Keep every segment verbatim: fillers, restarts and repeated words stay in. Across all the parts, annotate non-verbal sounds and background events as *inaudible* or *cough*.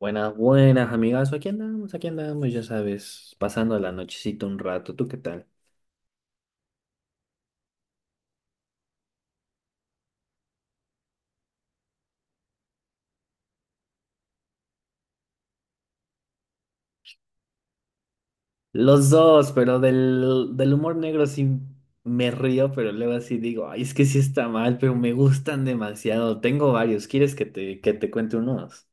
Buenas, buenas, amigas. Aquí andamos, aquí andamos, ya sabes, pasando la nochecita un rato. ¿Tú qué tal? Los dos, pero del, del humor negro sí me río, pero luego así digo, ay, es que sí está mal, pero me gustan demasiado. Tengo varios. ¿Quieres que te, que te cuente unos?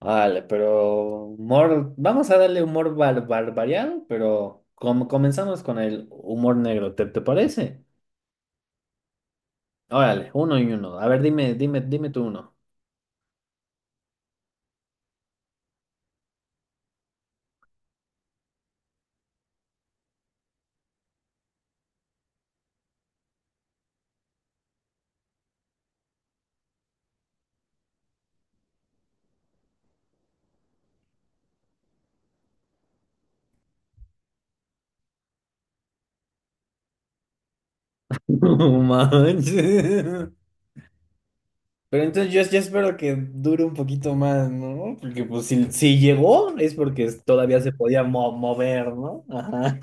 Vale, pero humor, vamos a darle humor bar, bar- variado, pero como comenzamos con el humor negro, ¿te, te parece? Órale, uno y uno. A ver, dime, dime, dime tú uno. *laughs* No manches. Pero entonces yo, yo espero que dure un poquito más, ¿no? Porque pues si, si llegó es porque es- todavía se podía mo- mover, ¿no? Ajá.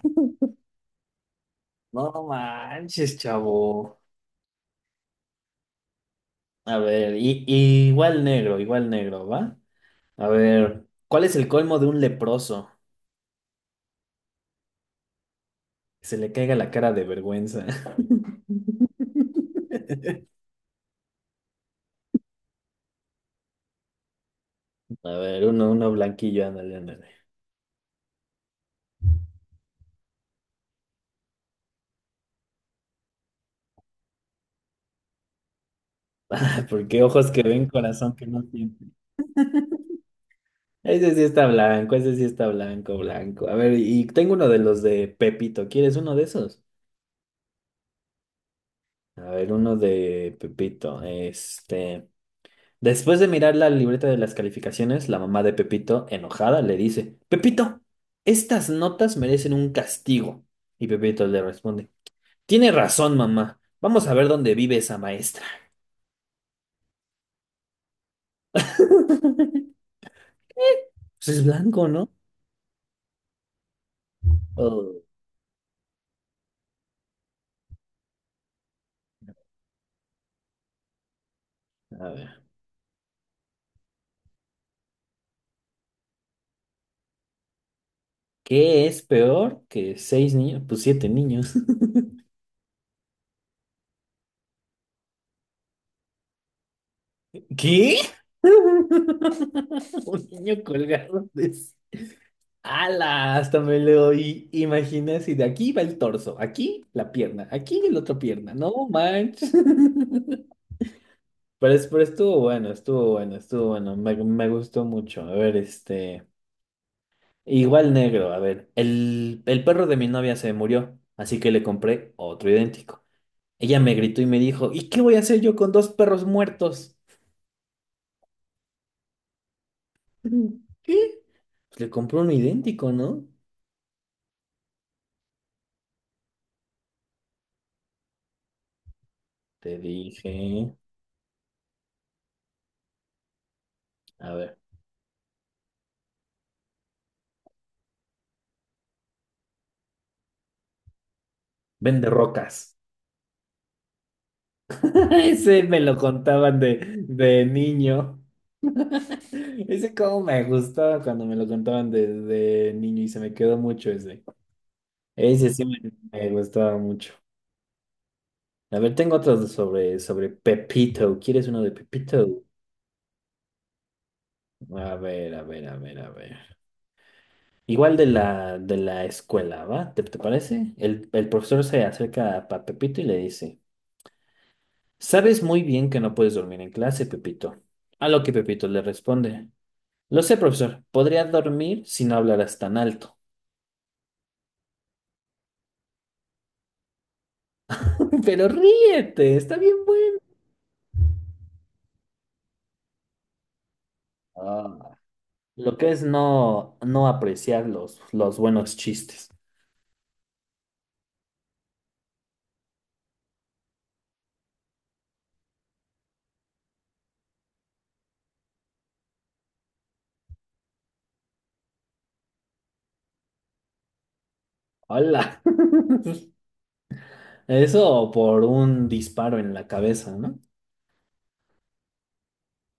No manches, chavo. A ver, y, y igual negro, igual negro, ¿va? A ver, ¿cuál es el colmo de un leproso? Que se le caiga la cara de vergüenza. *laughs* A ver, uno, uno blanquillo, ándale, ándale. *laughs* Porque ojos que ven, corazón que no tiene. Ese sí está blanco, ese sí está blanco, blanco. A ver, y tengo uno de los de Pepito. ¿Quieres uno de esos? A ver, uno de Pepito. Este. Después de mirar la libreta de las calificaciones, la mamá de Pepito, enojada, le dice: Pepito, estas notas merecen un castigo. Y Pepito le responde: Tiene razón, mamá. Vamos a ver dónde vive esa maestra. *laughs* Pues es blanco, ¿no? Oh, a ver. ¿Qué es peor que seis niños? Pues siete niños. *laughs* ¿Qué? *laughs* Un niño colgado de... sí. ¡Hala! Hasta me lo oí. Imaginé si de aquí va el torso, aquí la pierna, aquí la otra pierna, no manches. *laughs* Pero, es- pero estuvo bueno, estuvo bueno, estuvo bueno, me, me gustó mucho. A ver, este, igual negro, a ver, el, el perro de mi novia se murió, así que le compré otro idéntico. Ella me gritó y me dijo, ¿y qué voy a hacer yo con dos perros muertos? *laughs* ¿Qué? Pues le compró uno idéntico, ¿no? Te dije. A ver. Vende rocas. *laughs* Ese me lo contaban de, de niño. Ese como me gustaba cuando me lo contaban de, de niño y se me quedó mucho ese. Ese sí me, me gustaba mucho. A ver, tengo otros sobre, sobre Pepito. ¿Quieres uno de Pepito? A ver, a ver, a ver, a ver. Igual de la, de la escuela, ¿va? ¿Te, te parece? El, el profesor se acerca a Pepito y le dice. Sabes muy bien que no puedes dormir en clase, Pepito. A lo que Pepito le responde. Lo sé, profesor. Podría dormir si no hablaras tan alto. *laughs* Pero ríete, está bien bueno. Ah, lo que es no, no apreciar los, los buenos chistes. Hola. *laughs* Eso por un disparo en la cabeza, ¿no?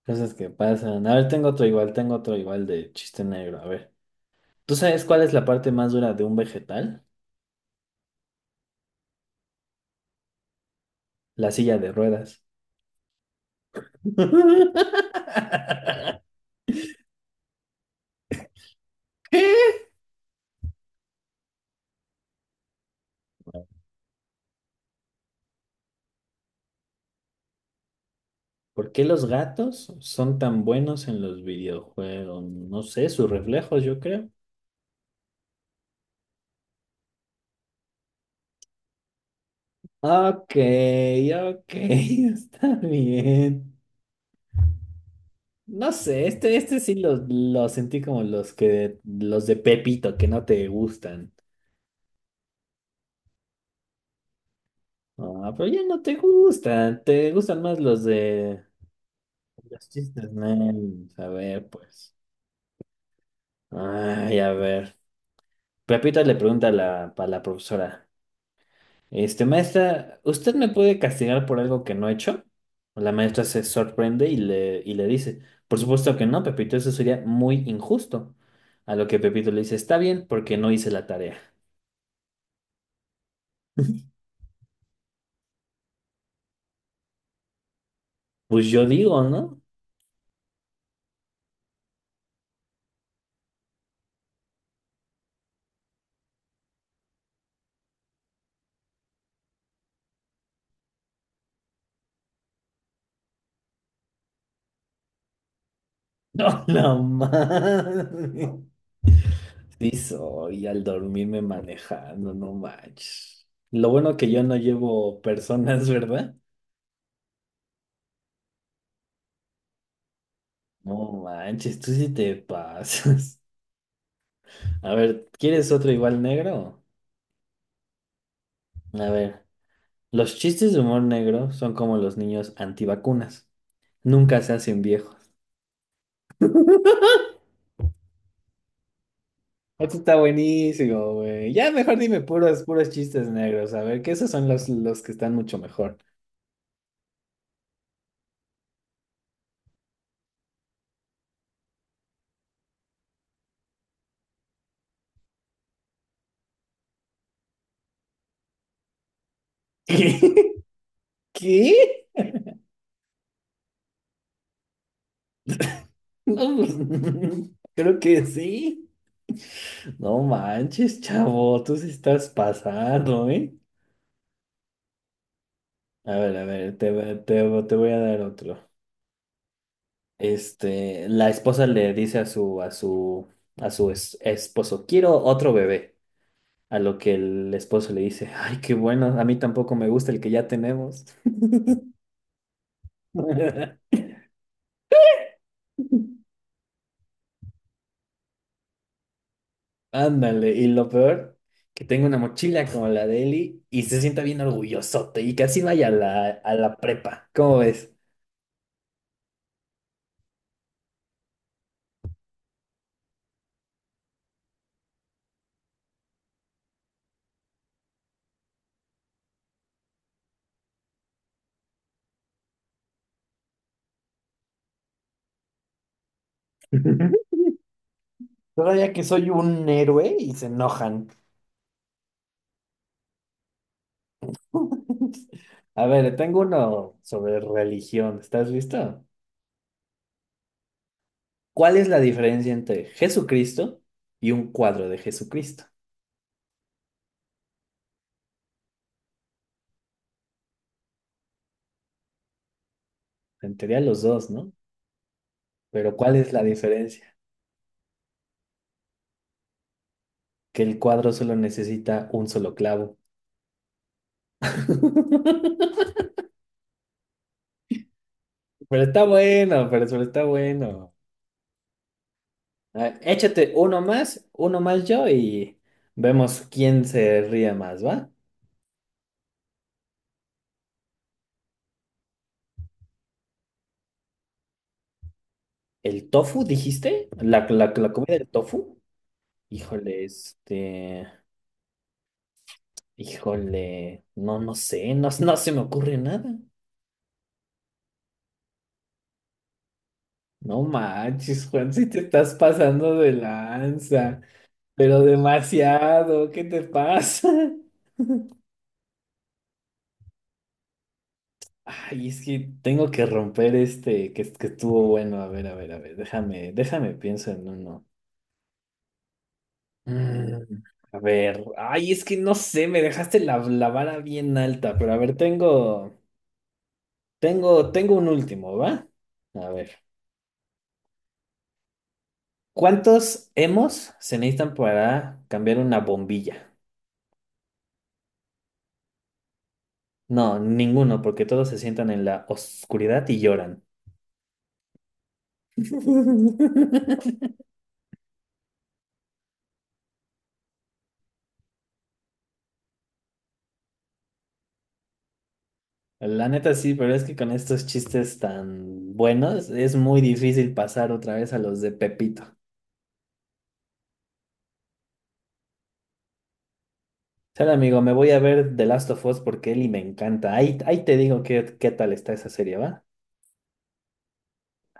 Cosas que pasan. A ver, tengo otro igual, tengo otro igual de chiste negro. A ver. ¿Tú sabes cuál es la parte más dura de un vegetal? La silla de ruedas. *laughs* ¿Qué? ¿Por qué los gatos son tan buenos en los videojuegos? No sé, sus reflejos, yo creo. Ok, ok, *laughs* está bien. No sé, este, este sí lo, lo sentí como los que, los de Pepito que no te gustan. Ah, pero ya no te gustan, te gustan más los de los chistes nerds. A ver, pues. Ay, a ver. Pepito le pregunta a la, a la profesora. Este, maestra, ¿usted me puede castigar por algo que no he hecho? La maestra se sorprende y le, y le dice, por supuesto que no, Pepito, eso sería muy injusto. A lo que Pepito le dice, está bien, porque no hice la tarea. Pues yo digo, ¿no? *laughs* No, no manches. Sí soy, al dormirme manejando, no manches. Lo bueno que yo no llevo personas, ¿verdad? No manches, tú sí te pasas. *laughs* A ver, ¿quieres otro igual negro? A ver. Los chistes de humor negro son como los niños antivacunas. Nunca se hacen viejos. Esto está buenísimo, güey. Ya mejor dime puros, puros chistes negros. A ver, que esos son los, los que están mucho mejor. *laughs* ¿Qué? No, pues, *laughs* creo que sí. No manches, chavo. Tú sí estás pasando, ¿eh? A ver, a ver, te, va- te, va- te voy a dar otro. Este, la esposa le dice a su, a su, a su es- esposo, quiero otro bebé. A lo que el esposo le dice, ay, qué bueno, a mí tampoco me gusta el que ya tenemos. *laughs* Ándale, y lo peor, que tengo una mochila como la de Eli y se sienta bien orgullosote y casi vaya a la, a la prepa. ¿Cómo ves? *laughs* Todavía que soy un héroe y se enojan. *laughs* A ver, tengo uno sobre religión. ¿Estás listo? ¿Cuál es la diferencia entre Jesucristo y un cuadro de Jesucristo? En teoría los dos, ¿no? Pero ¿cuál es la diferencia? Que el cuadro solo necesita un solo clavo. *laughs* Pero está bueno, pero, pero está bueno. A ver, échate uno más, uno más yo y vemos quién se ríe más, ¿va? ¿El tofu, dijiste? ¿La, la, la comida del tofu? Híjole, este... Híjole, no, no sé, no, no se me ocurre nada. No manches, Juan, si te estás pasando de lanza, pero demasiado, ¿qué te pasa? *laughs* Ay, es que tengo que romper este que, que estuvo bueno. A ver, a ver, a ver, déjame, déjame, pienso en uno. Mm, a ver, ay, es que no sé, me dejaste la, la vara bien alta, pero a ver, tengo, tengo, tengo un último, ¿va? A ver, ¿cuántos hemos se necesitan para cambiar una bombilla? No, ninguno, porque todos se sientan en la oscuridad y lloran. *laughs* La neta sí, pero es que con estos chistes tan buenos es muy difícil pasar otra vez a los de Pepito. Sale amigo, me voy a ver The Last of Us porque Eli me encanta. Ahí, ahí te digo qué, qué tal está esa serie, ¿va?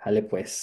Dale pues.